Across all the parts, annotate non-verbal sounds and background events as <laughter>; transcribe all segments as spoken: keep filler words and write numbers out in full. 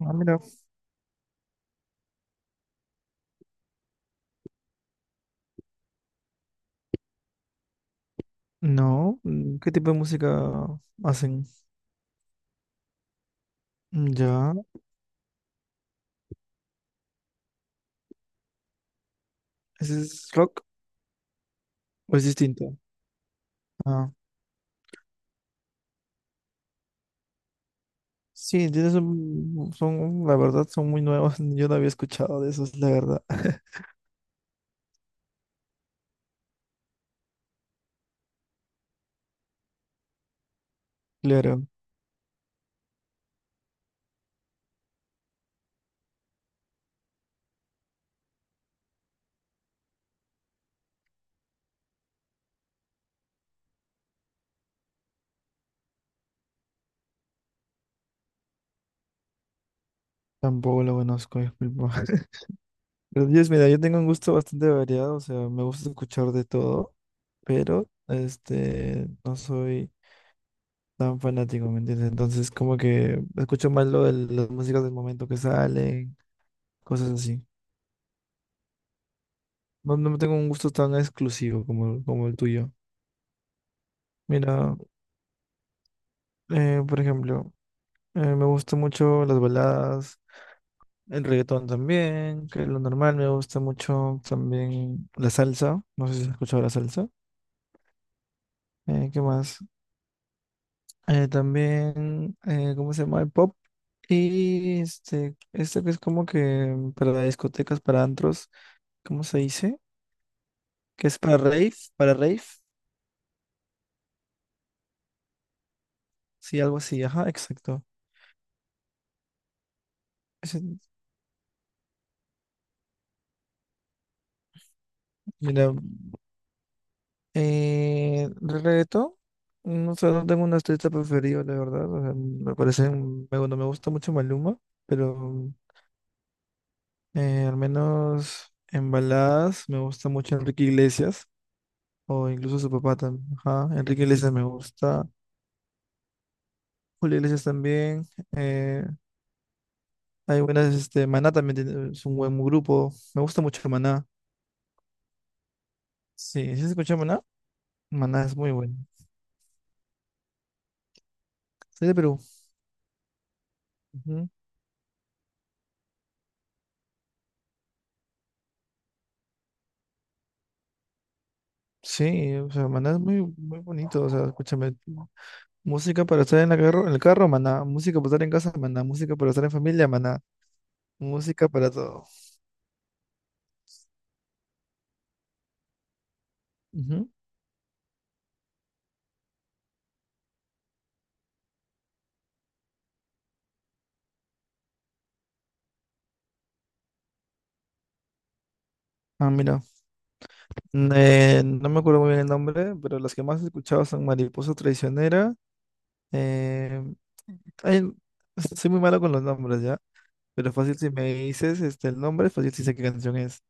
Ah, mira. No, mm, ¿qué tipo de música hacen? Mm, ya, ¿ese es rock o es distinto? Ah, sí, tienes un- son, la verdad, son muy nuevos. <laughs> Yo no había escuchado de esos, la verdad. <laughs> Claro, tampoco lo conozco, disculpa. <laughs> Pero Dios, mira, yo tengo un gusto bastante variado, o sea, me gusta escuchar de todo, pero este, no soy tan fanático, ¿me entiendes? Entonces, como que escucho más lo de las músicas del momento que salen, cosas así. No, no tengo un gusto tan exclusivo como, como el tuyo. Mira, eh, por ejemplo, eh, me gustan mucho las baladas, el reggaetón también, que es lo normal. Me gusta mucho también la salsa. No sé si has escuchado la salsa. Eh, ¿qué más? Eh, también, eh, ¿cómo se llama? El pop. Y este, este que es como que para discotecas, para antros, ¿cómo se dice? Que es para rave, para rave. Sí, algo así, ajá, exacto. Ese- Mira, Eh, reto, no sé, no tengo una artista preferida, la verdad. O sea, me parece, un- me, no me gusta mucho Maluma, pero eh, al menos en baladas me gusta mucho Enrique Iglesias, o incluso su papá también. Ajá, Enrique Iglesias me gusta, Julio Iglesias también. eh, Hay buenas, este, Maná también tiene- es un buen grupo. Me gusta mucho Maná. Sí, ¿sí se escucha Maná? Maná es muy bueno. Soy de Perú. Ujú. Sí, o sea, Maná es muy, muy bonito, o sea, escúchame. Música para estar en la carro, en el carro, maná. Música para estar en casa, maná. Música para estar en familia, maná. Música para todo. Ujú. Ah, mira. Eh, no me acuerdo muy bien el nombre, pero las que más he escuchado son Mariposa Traicionera. eh, ay, soy muy malo con los nombres, ¿ya? Pero fácil si me dices este, el nombre, fácil si sé qué canción es.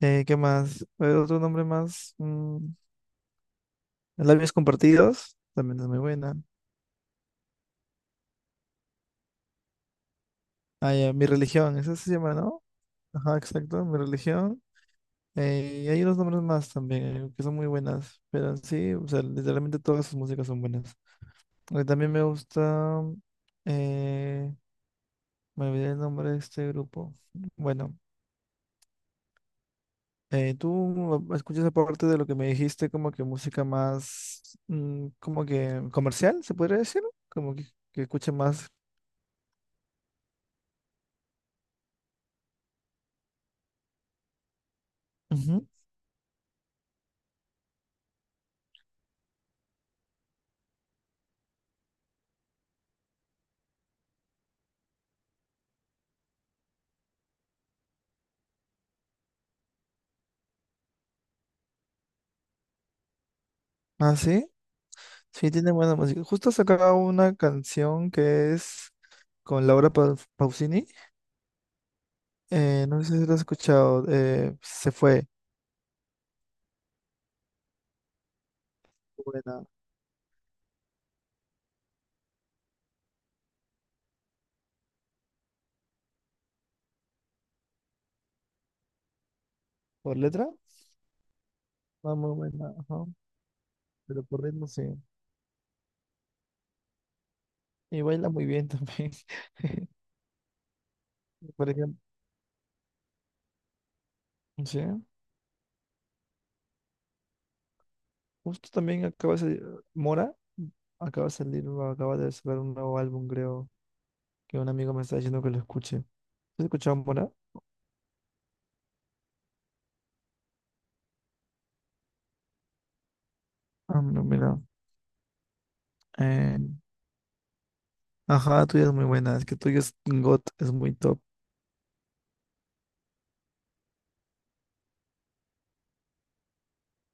Eh, ¿qué más? ¿Hay otro nombre más? Mm, Labios Compartidos, también es muy buena. Ah, ya, Mi Religión, esa se llama, ¿no? Ajá, exacto, Mi Religión. Eh, y hay unos nombres más también eh, que son muy buenas, pero sí, o sea, literalmente todas sus músicas son buenas. Eh, también me gusta, eh, me olvidé el nombre de este grupo. Bueno, eh, tú escuchas aparte de lo que me dijiste, como que música más, mm, como que comercial, se podría decir, como que, que escuche más. Ujú. Ah, sí, sí, tiene buena música. Justo sacaba una canción que es con Laura Pau- Pausini. Eh, no sé si lo has escuchado. Eh, se fue. Buena. ¿Por letra? Va muy buena. Ajá, pero por ritmo sí. Y baila muy bien también. <laughs> Por ejemplo, sí. Justo también acaba de salir. Mora acaba de salir, o acaba de sacar un nuevo álbum, creo. Que un amigo me está diciendo que lo escuche. ¿Has escuchado Mora? Ah, no, mira. eh, ajá, tuya es muy buena. Es que tuya es God es muy top.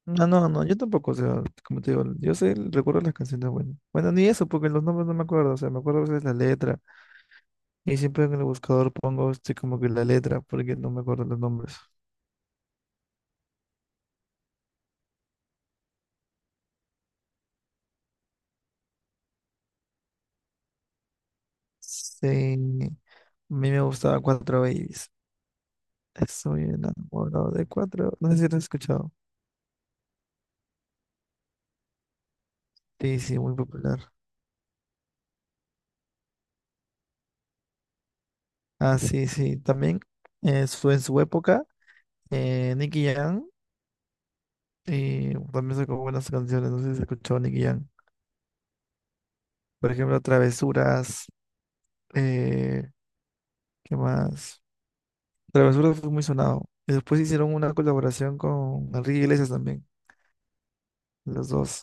No, no, no, yo tampoco, o sea, como te digo, yo sé, el- recuerdo las canciones buenas. Bueno, ni eso, porque los nombres no me acuerdo, o sea, me acuerdo a veces la letra, y siempre en el buscador pongo este, como que la letra, porque no me acuerdo los nombres. Sí, a mí me gustaba Cuatro Babies. Estoy enamorado de Cuatro, no sé si lo has escuchado. Sí, sí, muy popular. Ah, sí, sí, también eh, su- en su época, eh, Nicky Jam, y también sacó buenas canciones, no sé si has escuchado Nicky Jam. Por ejemplo, Travesuras. eh, ¿Qué más? Travesura fue muy sonado. Y después hicieron una colaboración con Enrique Iglesias también. Los dos.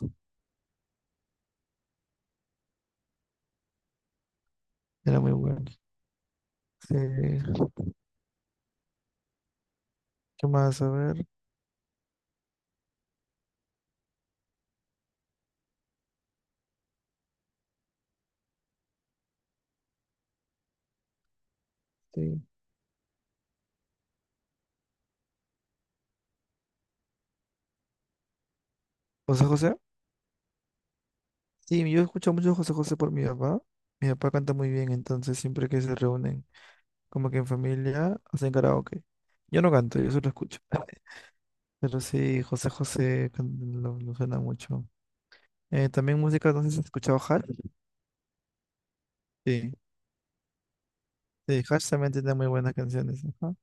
Era muy bueno. Sí. ¿Qué más? A ver. Sí. José José. Sí, yo escucho mucho José José por mi papá. Mi papá canta muy bien, entonces siempre que se reúnen, como que en familia, hacen karaoke. Yo no canto, yo solo escucho. <laughs> Pero sí, José José can- lo, lo suena mucho. Eh, también música, no sé si has escuchado Hash. Sí, sí, Hash también tiene muy buenas canciones. Ajá.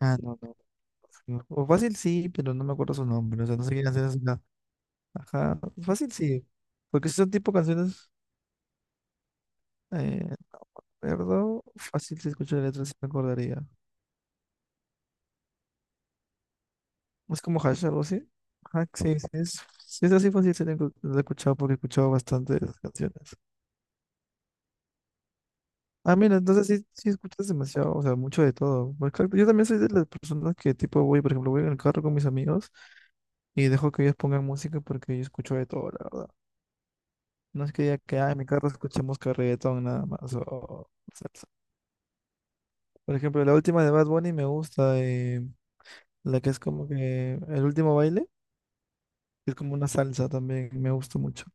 Ah, no, no. O fácil sí, pero no me acuerdo su nombre. O sea, no sé qué canciones son. Ajá, fácil sí. Porque si son tipo canciones, eh, recuerdo, fácil si escucho la letra sí me acordaría. Es como Hash, algo así. Ajá, sí, sí, es, sí es así, fácil sí la escu- la he escuchado porque he escuchado bastantes canciones. Ah, mira, entonces sí, sí escuchas demasiado, o sea, mucho de todo. Pues claro, yo también soy de las personas que tipo voy, por ejemplo, voy en el carro con mis amigos y dejo que ellos pongan música porque yo escucho de todo, la verdad. No es que ya que ah, en mi carro escuchemos que reggaetón nada más. O- o salsa. Por ejemplo, la última de Bad Bunny me gusta, eh, la que es como que el último baile, que es como una salsa también, me gusta mucho.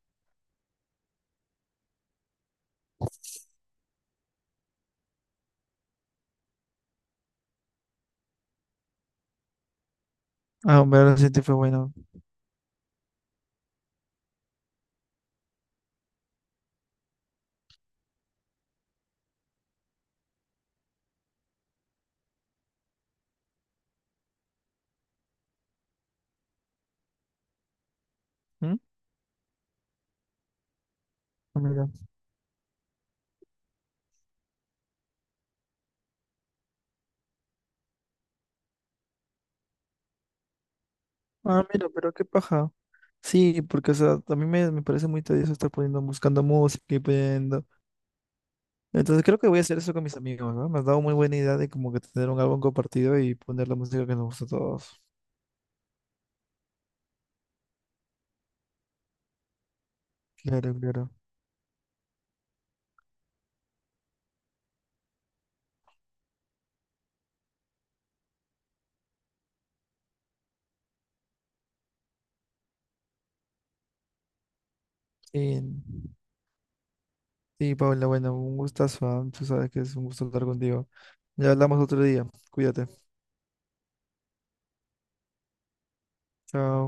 Ah, hombre, ahora sí te fue bueno. ¿Mm? Ah, mira. Ah, mira, pero qué paja. Sí, porque o sea, a mí me, me parece muy tedioso estar poniendo, buscando música y pidiendo. Entonces creo que voy a hacer eso con mis amigos, ¿no? Me has dado muy buena idea de como que tener un álbum compartido y poner la música que nos gusta a todos. Claro, claro. Sí. Sí, Paula, bueno, un gustazo, ah, tú sabes que es un gusto hablar contigo. Ya hablamos otro día. Cuídate. Chao.